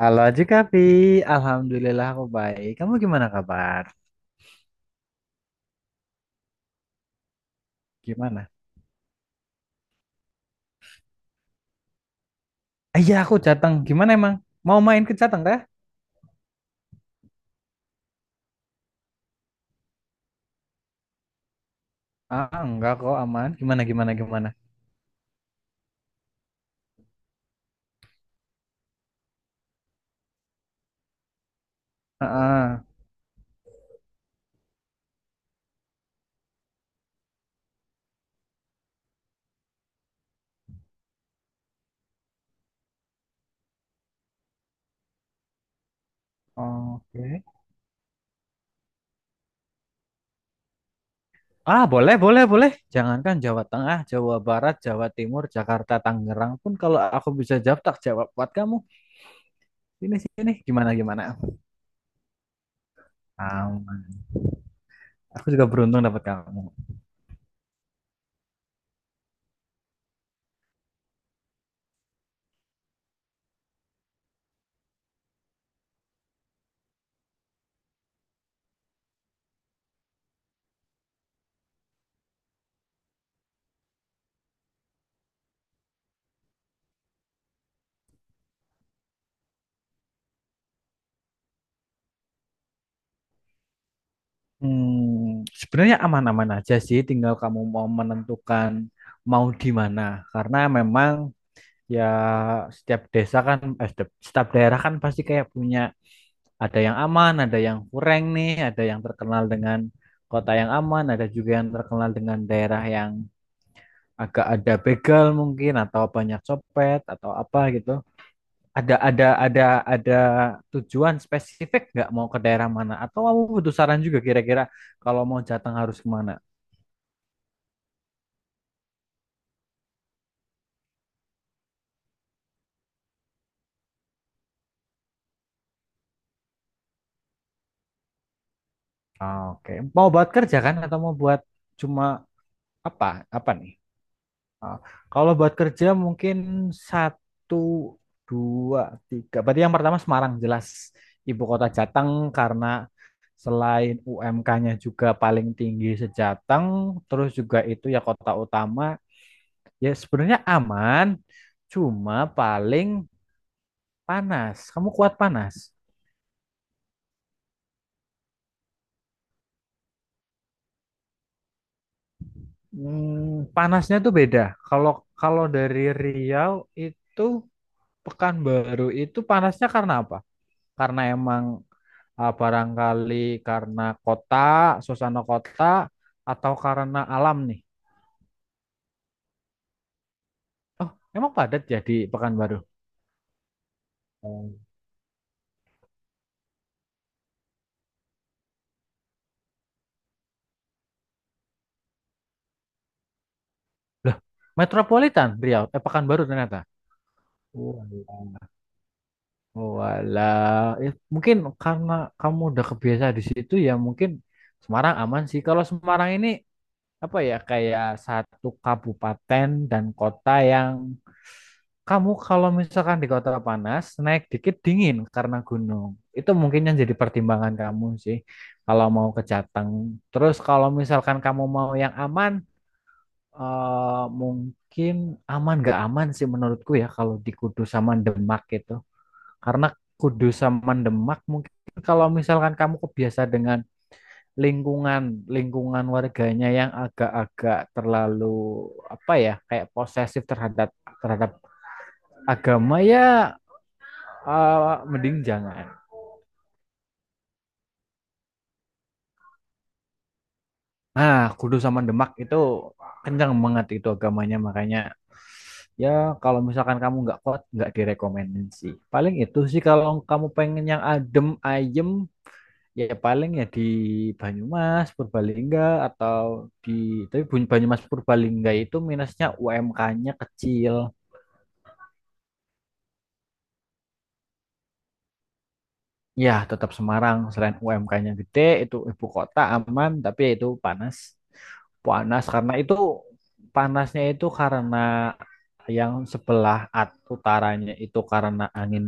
Halo Jikapi, Alhamdulillah aku baik. Kamu gimana kabar? Gimana? Ah, iya aku Jateng. Gimana emang? Mau main ke Jateng teh? Ah enggak kok aman. Gimana gimana gimana? Heeh. Oke. Ah boleh boleh boleh. Jangankan Jawa Tengah, Jawa Barat, Jawa Timur, Jakarta, Tangerang pun kalau aku bisa jawab tak jawab buat kamu. Ini sini gimana gimana? Aman. Aku juga beruntung dapat kamu. Hmm, sebenarnya aman-aman aja sih, tinggal kamu mau menentukan mau di mana. Karena memang ya setiap desa kan, eh, setiap daerah kan pasti kayak punya ada yang aman, ada yang kurang nih, ada yang terkenal dengan kota yang aman, ada juga yang terkenal dengan daerah yang agak ada begal mungkin atau banyak copet atau apa gitu. Ada ada ada ada tujuan spesifik nggak mau ke daerah mana? Atau kamu butuh saran juga kira-kira kalau mau Jateng harus kemana? Ah, oke, mau buat kerja kan atau mau buat cuma apa? Apa nih? Ah, kalau buat kerja mungkin satu, dua, tiga. Berarti yang pertama Semarang jelas ibu kota Jateng karena selain UMK-nya juga paling tinggi sejateng, terus juga itu ya kota utama. Ya sebenarnya aman, cuma paling panas. Kamu kuat panas? Hmm, panasnya tuh beda. Kalau kalau dari Riau itu Pekanbaru itu panasnya karena apa? Karena emang ah, barangkali karena kota, suasana kota, atau karena alam nih. Oh, emang padat ya di Pekanbaru? Oh, loh, metropolitan Riau, eh Pekanbaru ternyata. Oh, iya. Walah, eh, mungkin karena kamu udah kebiasa di situ ya mungkin Semarang aman sih. Kalau Semarang ini apa ya kayak satu kabupaten dan kota yang kamu kalau misalkan di kota panas naik dikit dingin karena gunung itu mungkin yang jadi pertimbangan kamu sih kalau mau ke Jateng terus kalau misalkan kamu mau yang aman eh, mungkin aman gak aman sih menurutku ya kalau di Kudus sama Demak itu karena Kudus sama Demak mungkin kalau misalkan kamu kebiasa dengan lingkungan lingkungan warganya yang agak-agak terlalu apa ya kayak posesif terhadap terhadap agama ya eh, mending jangan. Nah, Kudus sama Demak itu kencang banget itu agamanya makanya ya kalau misalkan kamu nggak kuat nggak direkomendasi. Paling itu sih kalau kamu pengen yang adem ayem ya paling ya di Banyumas Purbalingga atau di tapi Banyumas Purbalingga itu minusnya UMK-nya kecil. Ya, tetap Semarang. Selain UMK-nya gede, itu ibu kota aman, tapi ya itu panas. Panas karena itu panasnya itu karena yang sebelah utaranya itu karena angin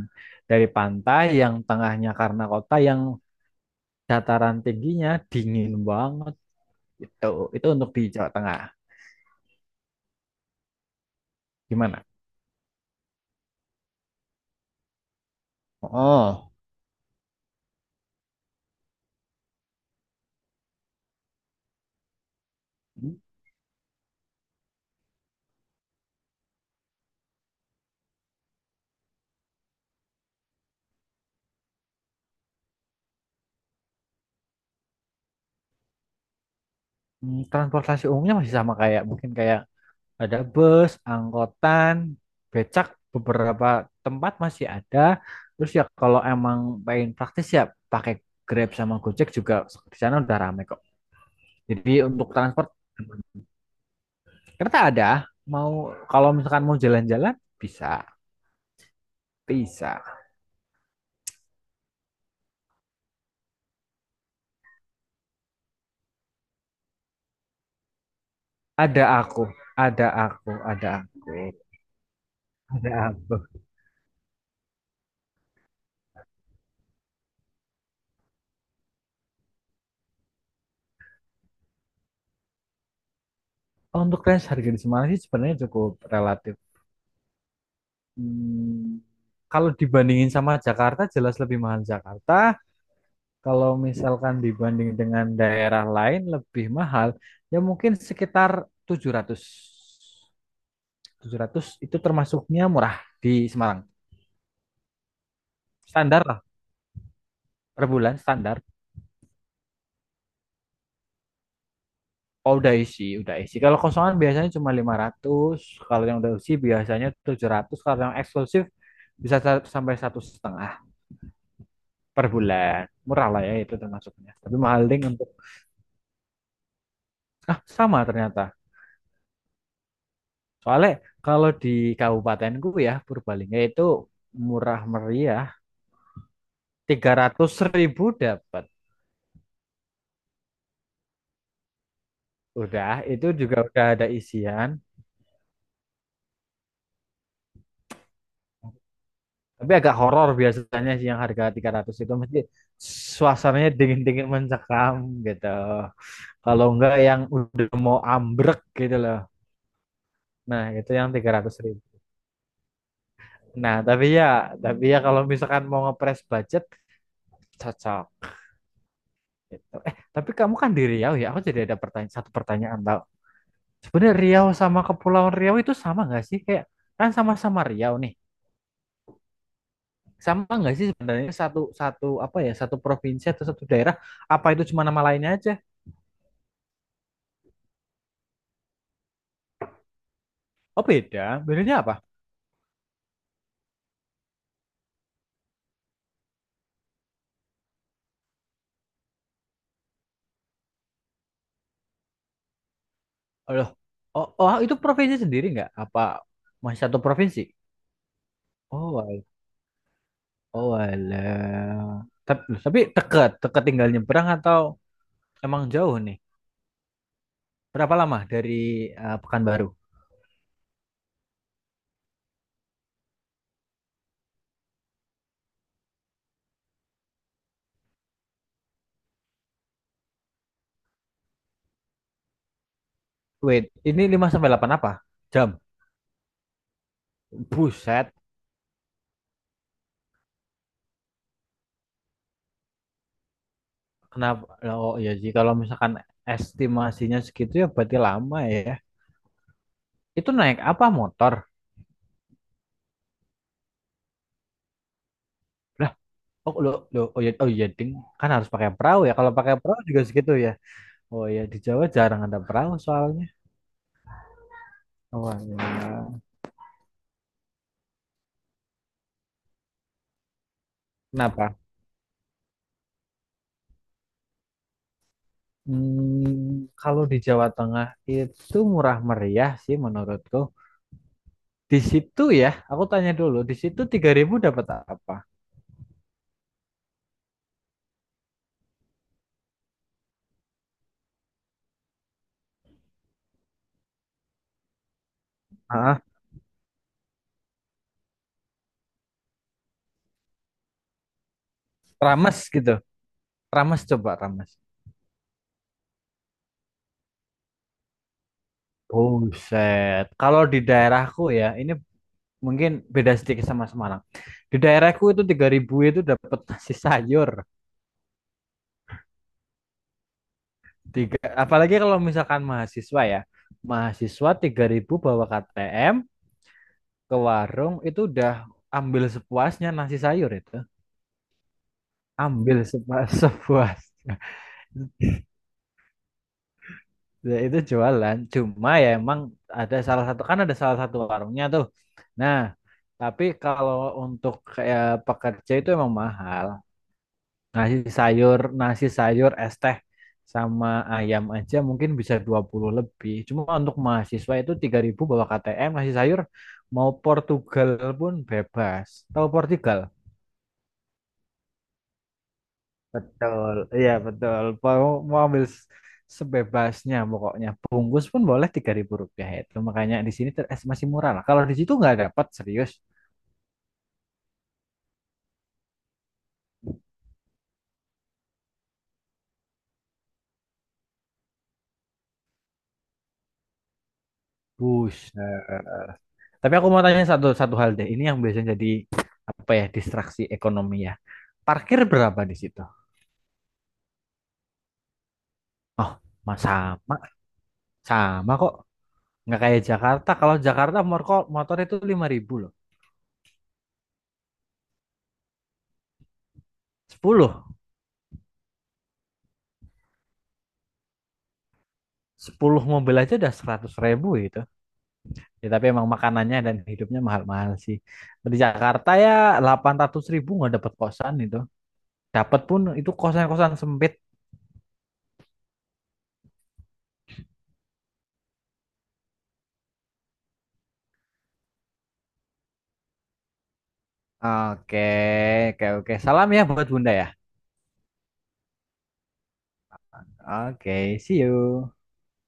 dari pantai, yang tengahnya karena kota, yang dataran tingginya dingin banget. Itu itu untuk di Jawa Tengah. Gimana? Oh, mm, transportasi umumnya masih sama kayak mungkin kayak ada bus, angkotan, becak beberapa tempat masih ada. Terus ya kalau emang pengen praktis ya pakai Grab sama Gojek juga di sana udah rame kok. Jadi untuk transport kereta ada. Mau kalau misalkan mau jalan-jalan bisa, bisa. Ada aku, ada aku, ada aku, ada aku. Untuk range harga di Semarang sih sebenarnya cukup relatif. Hmm, kalau dibandingin sama Jakarta jelas lebih mahal Jakarta. Kalau misalkan dibanding dengan daerah lain lebih mahal, ya mungkin sekitar tujuh ratus tujuh ratus itu termasuknya murah di Semarang. Standar lah, per bulan standar. Oh, udah isi, udah isi. Kalau kosongan biasanya cuma 500 kalau yang udah isi biasanya 700 kalau yang eksklusif bisa sampai 1,5 juta per bulan. Murah lah ya itu termasuknya. Tapi mahal ding untuk ah sama ternyata. Soalnya kalau di kabupatenku ya Purbalingga itu murah meriah. 300.000 dapat. Udah, itu juga udah ada isian. Tapi agak horor biasanya sih yang harga 300 itu mesti suasananya dingin-dingin mencekam gitu. Kalau enggak yang udah mau ambrek gitu loh. Nah, itu yang 300.000. Nah, tapi ya, kalau misalkan mau ngepres budget cocok gitu. Eh, tapi kamu kan di Riau ya. Aku jadi ada pertanyaan satu pertanyaan tau. Sebenarnya Riau sama Kepulauan Riau itu sama nggak sih? Kayak kan sama-sama Riau nih. Sama nggak sih sebenarnya satu satu apa ya satu provinsi atau satu daerah apa itu cuma nama lainnya aja. Oh beda, bedanya apa? Oh loh. Oh, oh ah, itu provinsi sendiri nggak apa masih satu provinsi? oh al- oh alah tapi, dekat dekat tinggal nyebrang atau emang jauh nih berapa lama dari eh, Pekanbaru? Wait, ini 5 sampai 8 apa jam? Buset. Kenapa? Oh iya sih kalau misalkan estimasinya segitu ya berarti lama ya itu naik apa motor? Oh, lo, lo, oh ya, oh ya ding, kan harus pakai perahu ya. Kalau pakai perahu juga segitu ya. Oh ya, di Jawa jarang ada perahu soalnya. Oh ya. Kenapa? Hmm, kalau di Jawa Tengah itu murah meriah sih menurutku. Di situ ya, aku tanya dulu, di situ 3.000 dapat apa? Ah, rames gitu. Rames coba rames. Buset. Kalau di daerahku ya, ini mungkin beda sedikit sama Semarang. Di daerahku itu 3.000 itu dapat nasi sayur. Tiga, apalagi kalau misalkan mahasiswa ya. Mahasiswa 3.000 bawa KTM ke warung itu udah ambil sepuasnya nasi sayur itu. Ambil sepuas sepuasnya. Ya, itu jualan. Cuma ya emang ada salah satu kan ada salah satu warungnya tuh. Nah, tapi kalau untuk kayak pekerja itu emang mahal. Nasi sayur, es teh sama ayam aja mungkin bisa 20 lebih. Cuma untuk mahasiswa itu 3.000 bawa KTM, nasi sayur mau Portugal pun bebas. Tahu Portugal? Betul. Iya, betul. Mau, mau ambil sebebasnya pokoknya. Bungkus pun boleh Rp3.000 itu. Makanya di sini es masih murah lah. Kalau di situ nggak dapat serius. Buset. Tapi aku mau tanya satu satu hal deh. Ini yang biasanya jadi apa ya distraksi ekonomi ya. Parkir berapa di situ? Oh, ma- sama sama kok. Nggak kayak Jakarta. Kalau Jakarta motor motor itu 5.000 loh. Sepuluh. Sepuluh mobil aja udah 100.000 gitu. Ya tapi emang makanannya dan hidupnya mahal-mahal sih. Di Jakarta ya 800.000 nggak dapat kosan itu. Dapat pun itu kosan-kosan sempit. Oke, oke, oke. Salam ya buat Bunda ya. Oke, see you.